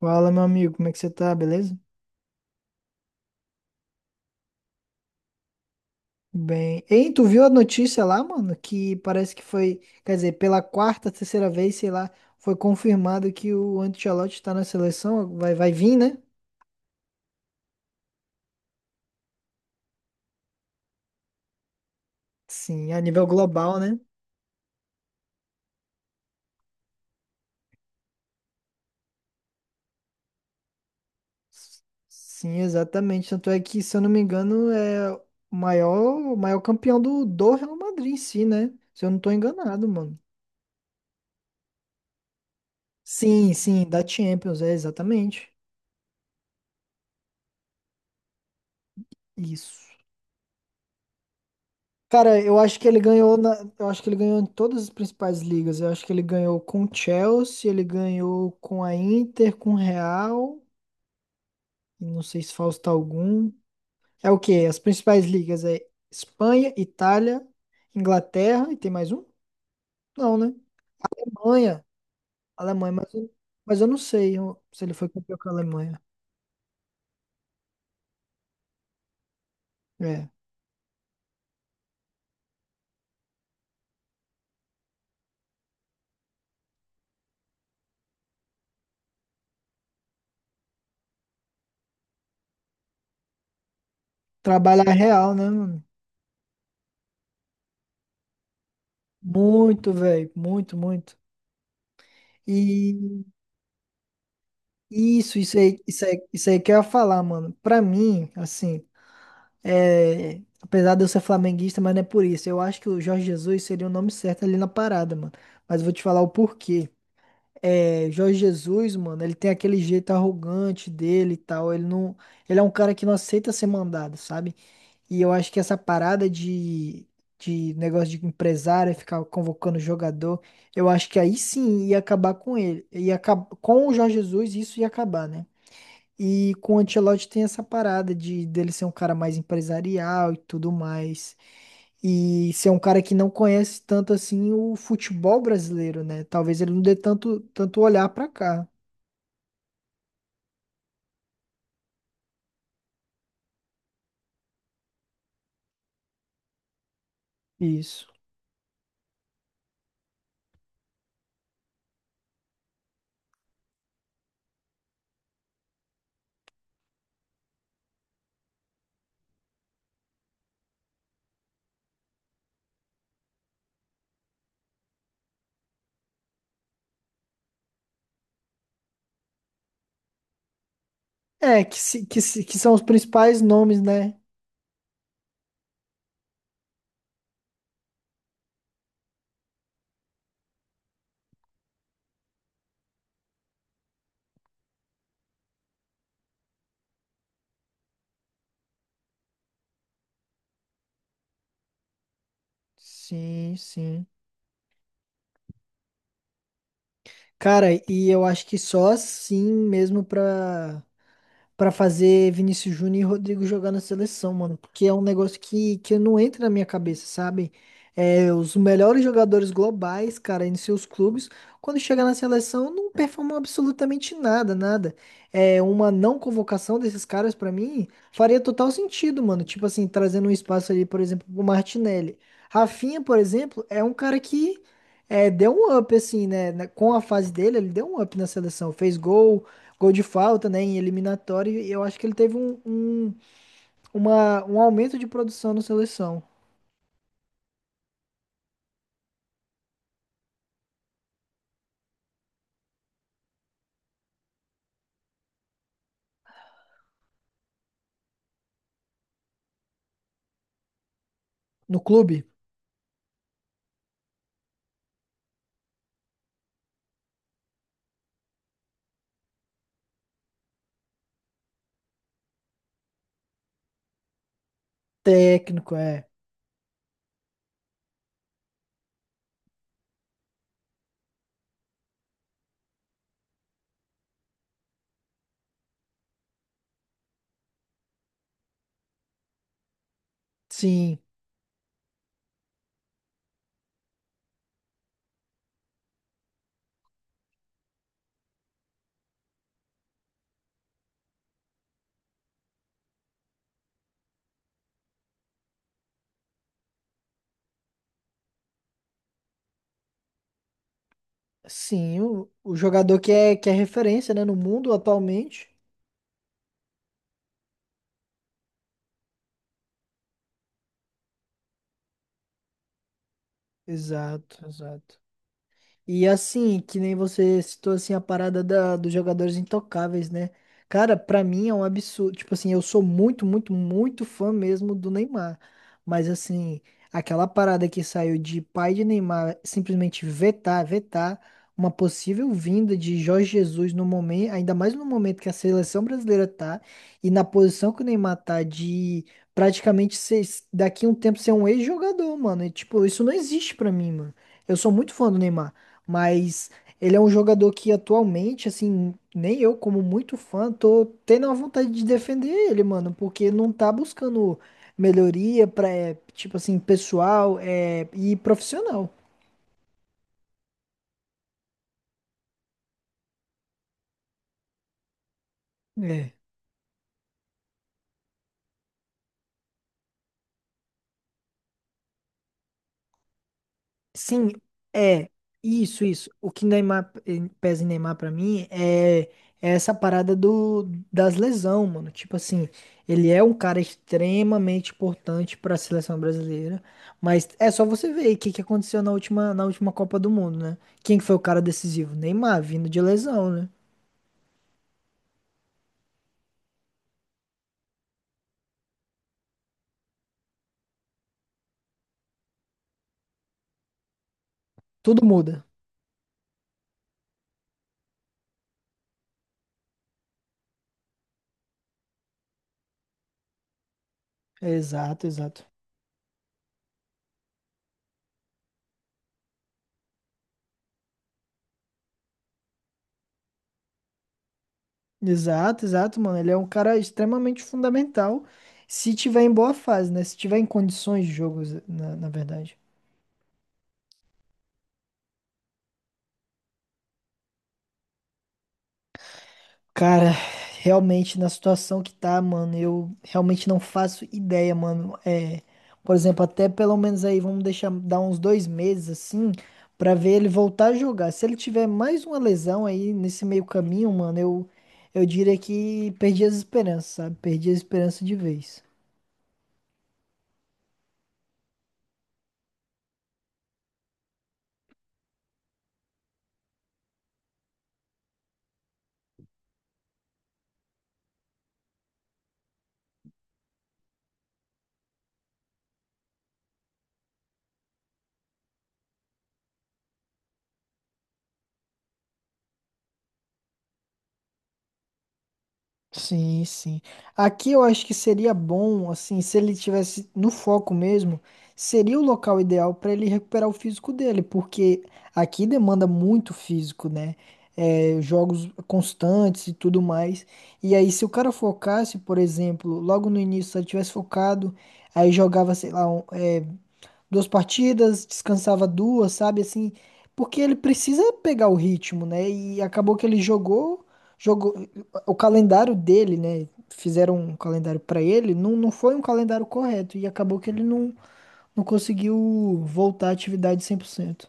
Fala, meu amigo, como é que você tá? Beleza? Bem. Ei, tu viu a notícia lá, mano? Que parece que foi, quer dizer, Pela terceira vez, sei lá, foi confirmado que o Ancelotti tá na seleção, vai vir, né? Sim, a nível global, né? Sim, exatamente. Tanto é que, se eu não me engano, é o maior campeão do Real Madrid em si, né? Se eu não tô enganado, mano. Sim, sim, da Champions, é exatamente. Isso. Cara, eu acho que ele ganhou em todas as principais ligas. Eu acho que ele ganhou com o Chelsea, ele ganhou com a Inter, com o Real, e não sei se falta algum. É o quê? As principais ligas é Espanha, Itália, Inglaterra e tem mais um? Não, né? Alemanha, Alemanha, mas, eu- mas eu não sei se ele foi campeão com a Alemanha. É. Trabalhar real, né, mano? Muito, velho, muito, muito. Isso aí, isso aí que eu ia falar, mano. Pra mim, assim, é, apesar de eu ser flamenguista, mas não é por isso. Eu acho que o Jorge Jesus seria o nome certo ali na parada, mano. Mas eu vou te falar o porquê. É, Jorge Jesus, mano, ele tem aquele jeito arrogante dele e tal. Ele não, ele é um cara que não aceita ser mandado, sabe? E eu acho que essa parada de negócio de empresário, ficar convocando jogador, eu acho que aí sim ia acabar com ele. Ia com o Jorge Jesus, isso ia acabar, né? E com o Ancelotti tem essa parada de dele ser um cara mais empresarial e tudo mais. E ser um cara que não conhece tanto assim o futebol brasileiro, né? Talvez ele não dê tanto olhar pra cá. Isso. É, que, se- que, se- que são os principais nomes, né? Sim, sim. Cara, e eu acho que só assim mesmo pra. Pra fazer Vinícius Júnior e Rodrigo jogar na seleção, mano. Porque é um negócio que não entra na minha cabeça, sabe? É, os melhores jogadores globais, cara, em seus clubes, quando chega na seleção, não performam absolutamente nada, nada. É, uma não convocação desses caras, pra mim, faria total sentido, mano. Tipo assim, trazendo um espaço ali, por exemplo, pro Martinelli. Rafinha, por exemplo, é um cara que é, deu um up, assim, né? Com a fase dele, ele deu um up na seleção. Fez gol de falta, né, em eliminatória, e eu acho que ele teve um, um aumento de produção na seleção, no clube. Técnico, é. Sim, sim, o jogador que é referência, né, no mundo atualmente. Exato, exato. E assim, que nem você citou assim a parada dos jogadores intocáveis, né? Cara, pra mim é um absurdo. Tipo assim, eu sou muito, muito, muito fã mesmo do Neymar. Mas assim, aquela parada que saiu de pai de Neymar simplesmente vetar uma possível vinda de Jorge Jesus no momento, ainda mais no momento que a seleção brasileira tá e na posição que o Neymar tá de praticamente ser, daqui a um tempo ser um ex-jogador, mano. E, tipo, isso não existe pra mim, mano. Eu sou muito fã do Neymar. Mas ele é um jogador que atualmente, assim, nem eu, como muito fã, tô tendo a vontade de defender ele, mano, porque não tá buscando melhoria pra, é, tipo assim, pessoal, é, e profissional. É. Sim, é isso, isso. O que Neymar pesa em Neymar pra mim é, é essa parada do das lesão, mano. Tipo assim, ele é um cara extremamente importante pra seleção brasileira, mas é só você ver aí o que que aconteceu na última Copa do Mundo, né? Quem que foi o cara decisivo? Neymar, vindo de lesão, né? Tudo muda. Exato, exato. Exato, exato, mano. Ele é um cara extremamente fundamental se tiver em boa fase, né? Se tiver em condições de jogo, na verdade. Cara, realmente na situação que tá, mano, eu realmente não faço ideia, mano. É, por exemplo, até pelo menos aí vamos deixar dar uns dois meses assim pra ver ele voltar a jogar. Se ele tiver mais uma lesão aí nesse meio caminho, mano, eu diria que perdi as esperanças, sabe? Perdi a esperança de vez. Sim, sim. Aqui eu acho que seria bom, assim, se ele tivesse no foco mesmo, seria o local ideal para ele recuperar o físico dele, porque aqui demanda muito físico, né? É, jogos constantes e tudo mais. E aí, se o cara focasse, por exemplo, logo no início, se ele tivesse focado, aí jogava, sei lá, duas partidas, descansava duas, sabe? Assim, porque ele precisa pegar o ritmo, né? E acabou que ele jogou o calendário dele, né? Fizeram um calendário pra ele, não foi um calendário correto e acabou que ele não, não conseguiu voltar à atividade cem por cento.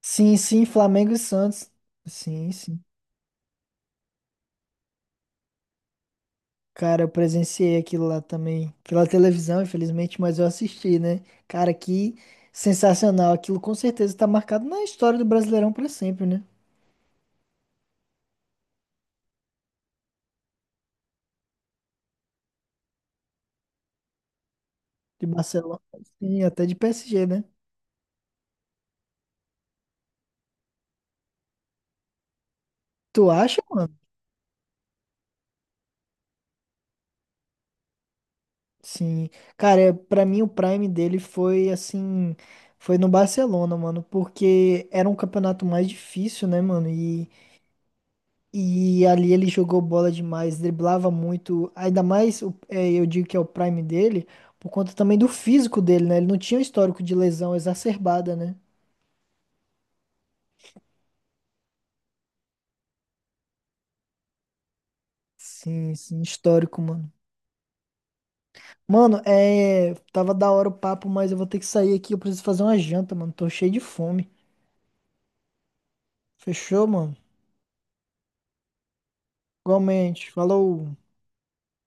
Sim, sim, Flamengo e Santos. Sim, sim. Cara, eu presenciei aquilo lá também, pela televisão, infelizmente, mas eu assisti, né? Cara, que sensacional. Aquilo com certeza tá marcado na história do Brasileirão pra sempre, né? De Barcelona, sim, até de PSG, né? Tu acha, mano? Sim. Pra mim o prime dele foi assim, foi no Barcelona, mano, porque era um campeonato mais difícil, né, mano? E ali ele jogou bola demais, driblava muito, ainda mais, é, eu digo que é o prime dele, por conta também do físico dele, né? Ele não tinha um histórico de lesão exacerbada, né? Sim, sim, histórico, mano. Mano, é. Tava da hora o papo, mas eu vou ter que sair aqui. Eu preciso fazer uma janta, mano. Tô cheio de fome. Fechou, mano? Igualmente. Falou.